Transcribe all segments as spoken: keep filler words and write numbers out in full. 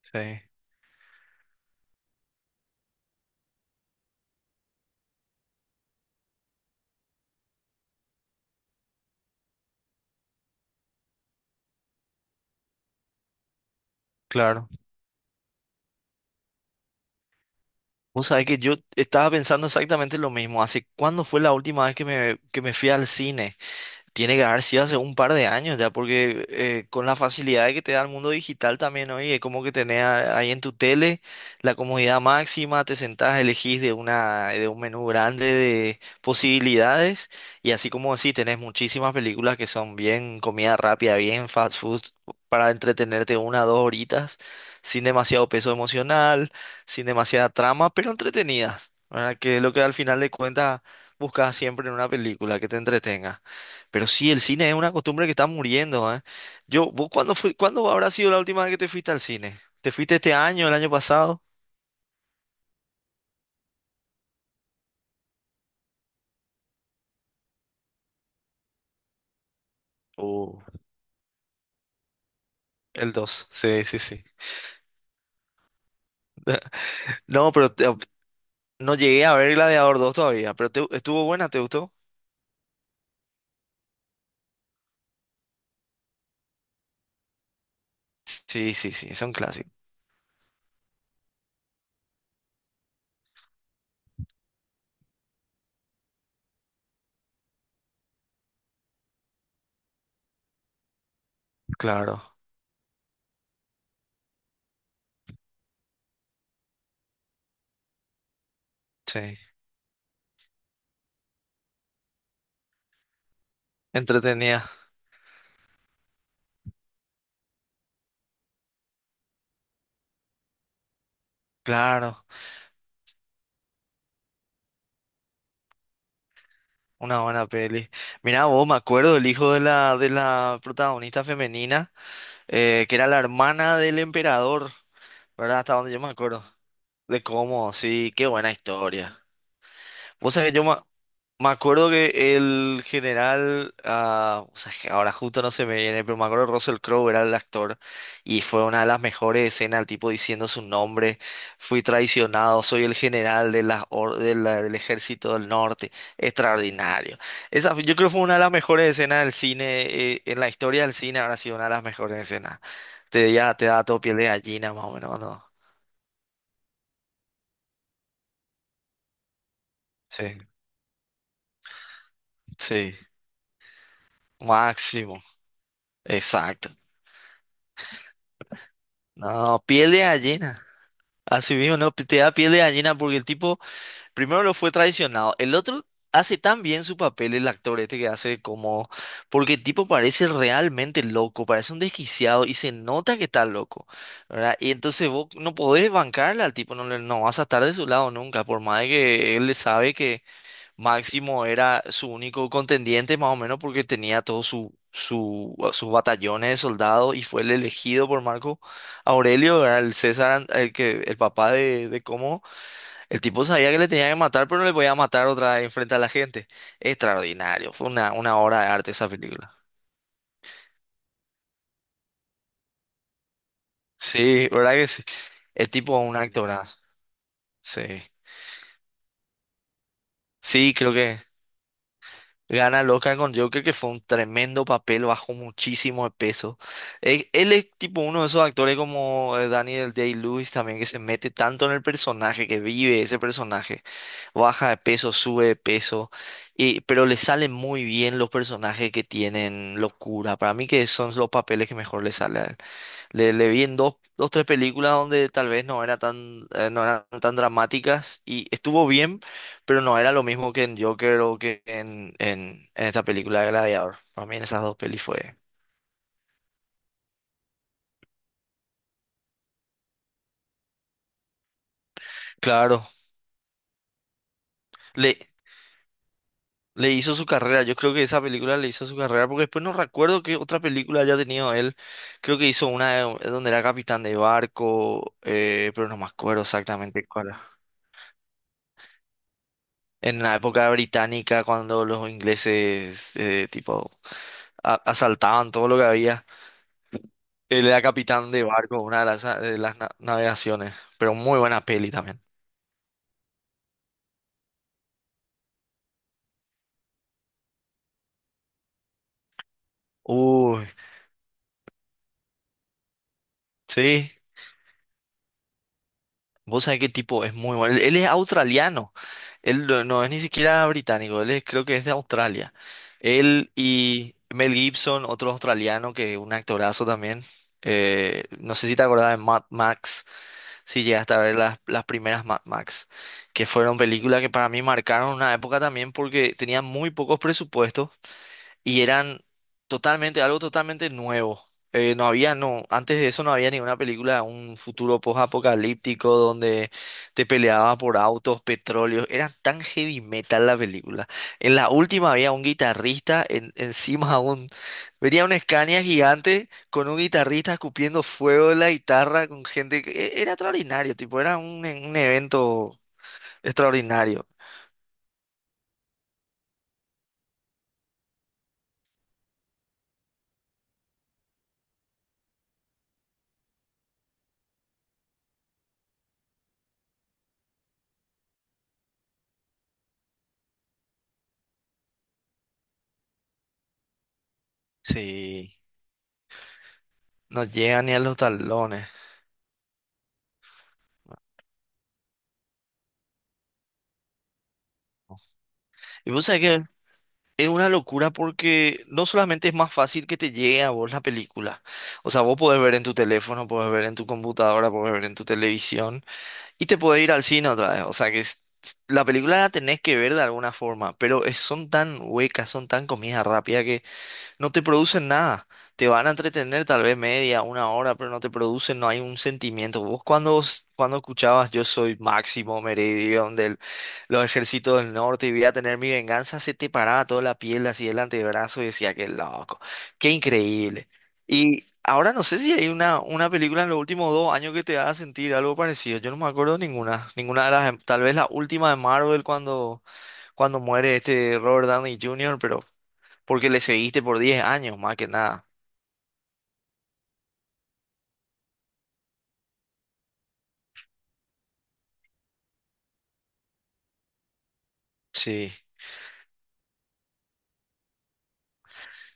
Sí, claro. Vos sabés que yo estaba pensando exactamente lo mismo. ¿Hace cuándo fue la última vez que me, que me fui al cine? Tiene que haber sido hace un par de años ya, porque eh, con la facilidad que te da el mundo digital también hoy, es como que tenés a- ahí en tu tele la comodidad máxima, te sentás, elegís de una, de un menú grande de posibilidades, y así como decís, tenés muchísimas películas que son bien comida rápida, bien fast food, para entretenerte una o dos horitas, sin demasiado peso emocional, sin demasiada trama, pero entretenidas, ¿verdad? Que es lo que al final de cuentas buscas siempre en una película, que te entretenga. Pero sí, el cine es una costumbre que está muriendo, ¿eh? Yo, ¿vos cuándo fui- cuándo habrá sido la última vez que te fuiste al cine? ¿Te fuiste este año, el año pasado? Uh, ¿el dos? Sí, sí, sí. No, pero te- no llegué a ver Gladiador dos todavía, pero te- estuvo buena, ¿te gustó? Sí, sí, sí, es un clásico. Claro, sí. Entretenida, claro, una buena peli. Mira, vos, me acuerdo del hijo de la, de la protagonista femenina, eh, que era la hermana del emperador, ¿verdad? Hasta donde yo me acuerdo. De cómo, sí, qué buena historia. Vos sabés, yo me, me acuerdo que el general, ah, o sea, que ahora justo no se me viene, pero me acuerdo que Russell Crowe era el actor y fue una de las mejores escenas, el tipo diciendo su nombre: fui traicionado, soy el general de las or- de la- del ejército del norte, extraordinario. Esa, yo creo que fue una de las mejores escenas del cine, eh, en la historia del cine habrá sido una de las mejores escenas. Te, ya, te da todo piel de gallina más o menos, ¿no? Sí. Sí. Máximo, exacto. No, piel de gallina. Así mismo, no, te da piel de gallina porque el tipo primero lo fue traicionado. El otro hace tan bien su papel, el actor este que hace como... Porque el tipo parece realmente loco, parece un desquiciado y se nota que está loco, ¿verdad? Y entonces vos no podés bancarle al tipo, no, le- no vas a estar de su lado nunca, por más de que él le sabe que Máximo era su único contendiente, más o menos, porque tenía todos su, su- sus batallones de soldados y fue el elegido por Marco Aurelio, era el César, an- el que, el papá de, de cómo. El tipo sabía que le tenía que matar, pero no le podía matar otra vez enfrente a la gente. Extraordinario, fue una, una obra de arte esa película. Sí, ¿verdad que sí? El tipo, un increíble actorazo. Sí. Sí, creo que. Gana loca con Joker, que fue un tremendo papel, bajó muchísimo de peso. Eh, Él, es tipo uno de esos actores como eh, Daniel Day-Lewis también, que se mete tanto en el personaje, que vive ese personaje. Baja de peso, sube de peso, y, pero le salen muy bien los personajes que tienen locura. Para mí que son los papeles que mejor le salen. Le, le vi en dos, dos, tres películas donde tal vez no era tan, eh, no eran tan dramáticas y estuvo bien, pero no era lo mismo que en Joker o que en, en, en esta película de Gladiador. Para mí en esas dos pelis fue... Claro, le, le hizo su carrera, yo creo que esa película le hizo su carrera, porque después no recuerdo qué otra película haya tenido él. Creo que hizo una de- donde era capitán de barco, eh, pero no me acuerdo exactamente cuál era. En la época británica, cuando los ingleses, eh, tipo... a- asaltaban todo lo que había. Él era capitán de barco, una de las, de las na- navegaciones, pero muy buena peli también. Uy, sí, vos sabés qué tipo, es muy bueno. Él, él es australiano, él no no es ni siquiera británico, él es- creo que es de Australia. Él y Mel Gibson, otro australiano que es un actorazo también. Eh, no sé si te acordás de Mad Max, si llegaste a ver las, las primeras Mad Max, que fueron películas que para mí marcaron una época también porque tenían muy pocos presupuestos y eran totalmente, algo totalmente nuevo. Eh, no había, no, antes de eso no había ninguna película, un futuro post-apocalíptico donde te peleaba por autos, petróleo, era tan heavy metal la película. En la última había un guitarrista en, encima de un, venía un Scania gigante con un guitarrista escupiendo fuego de la guitarra con gente, que- e- era extraordinario, tipo, era un, un evento extraordinario. Sí. No llega ni a los talones. Y vos sabés, es una locura porque no solamente es más fácil que te llegue a vos la película, o sea, vos podés ver en tu teléfono, podés ver en tu computadora, podés ver en tu televisión y te podés ir al cine otra vez, o sea que es- la película la tenés que ver de alguna forma, pero es- son tan huecas, son tan comida rápida, no te producen nada. Te van a entretener tal vez media, una hora, pero no te producen, no hay un sentimiento. Vos cuando, cuando escuchabas yo soy Máximo Meridión de los ejércitos del norte y voy a tener mi venganza, se te paraba toda la piel así el antebrazo y decía, qué loco, qué increíble. Y ahora no sé si hay una, una película en los últimos dos años que te haga sentir algo parecido. Yo no me acuerdo ninguna, ninguna de las, em, tal vez la última de Marvel cuando, cuando muere este Robert Downey junior, pero... Porque le seguiste por diez años, más que nada. Sí,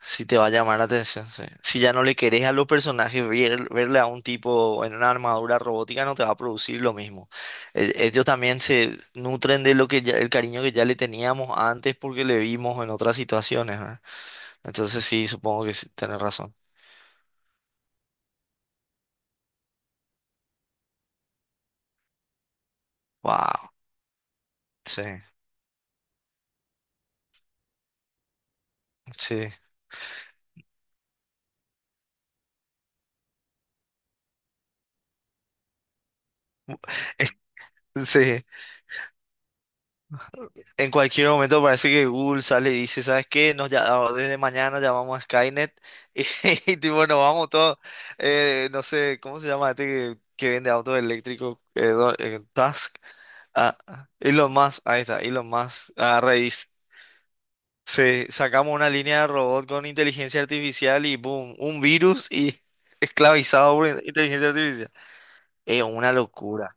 sí te va a llamar la atención. Sí. Si ya no le querés a los personajes, ver- verle a un tipo en una armadura robótica no te va a producir lo mismo. E- Ellos también se nutren de lo que ya- el cariño que ya le teníamos antes porque le vimos en otras situaciones, ¿verdad? Entonces sí, supongo que sí, tenés razón. Wow. Sí, sí. Sí. En cualquier momento parece que Google sale y dice, ¿sabes qué? Nos ya, desde mañana llamamos a Skynet y, tipo nos vamos todos, eh, no sé, ¿cómo se llama este que, que vende autos eléctricos? Eh, do- eh, Tusk. Ah, ah, Elon Musk, ahí está, Elon Musk. Agarra y dice, se, sacamos una línea de robot con inteligencia artificial y boom, un virus y esclavizado por inteligencia artificial. Es una locura.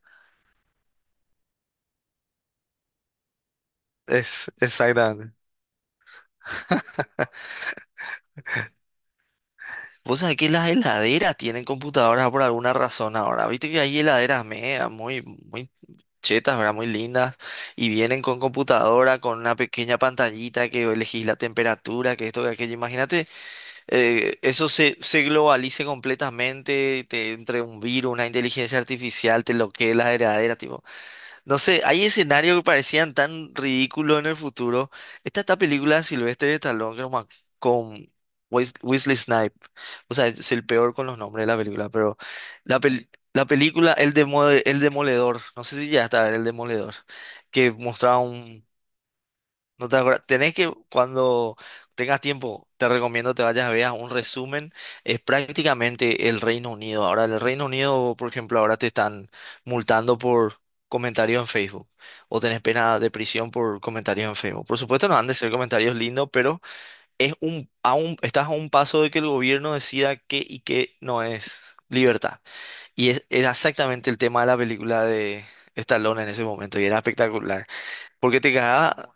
Es exactamente. Vos sabés que las heladeras tienen computadoras por alguna razón ahora. Viste que hay heladeras mega, muy, muy chetas, ¿verdad? Muy lindas. Y vienen con computadora, con una pequeña pantallita que elegís la temperatura, que esto, que aquello. Imagínate, eh, eso se, se globalice completamente, te entre un virus, una inteligencia artificial, te bloquee la heladera, tipo. No sé, hay escenarios que parecían tan ridículos en el futuro. esta esta película de Sylvester Stallone que no me ac- con Wes- Wesley Snipe. O sea, es el peor con los nombres de la película, pero la, pel- la película El Demo- El Demoledor, no sé si ya está, El Demoledor, que mostraba un... No te acuerdas. Tenés que, cuando tengas tiempo, te recomiendo te vayas a ver un resumen. Es prácticamente el Reino Unido. Ahora, el Reino Unido, por ejemplo, ahora te están multando por comentarios en Facebook. O tenés pena de prisión por comentarios en Facebook. Por supuesto, no han de ser comentarios lindos, pero es un, a un, estás a un paso de que el gobierno decida qué y qué no es libertad. Y es, es exactamente el tema de la película de Stallone en ese momento. Y era espectacular. Porque te cagaba.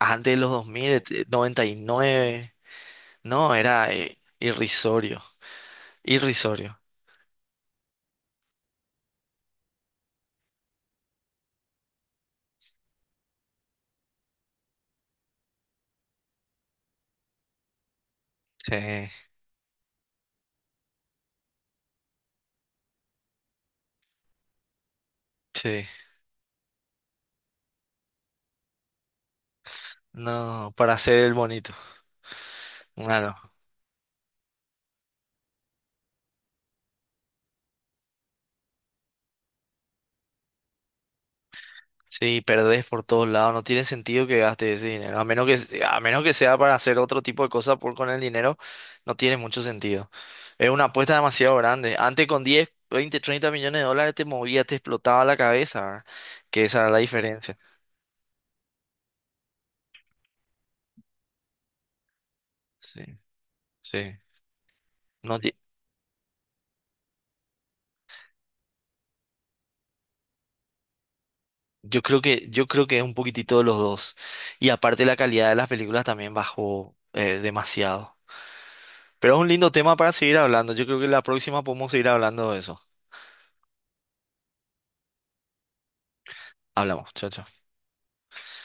Antes de los dos mil, eh, eh, noventa y nueve. No, era eh, irrisorio. Irrisorio. Sí, sí. No, para hacer el bonito. Claro. Sí, perdés por todos lados. No tiene sentido que gastes ese dinero. A menos que, a menos que sea para hacer otro tipo de cosas por con el dinero, no tiene mucho sentido. Es una apuesta demasiado grande. Antes con diez, veinte, treinta millones de dólares te movías, te explotaba la cabeza, ¿verdad? Que esa era la diferencia. Sí, sí. No, Yo creo que, yo creo que es un poquitito de los dos. Y aparte la calidad de las películas también bajó eh, demasiado. Pero es un lindo tema para seguir hablando. Yo creo que la próxima podemos seguir hablando de eso. Hablamos. Chao, chao.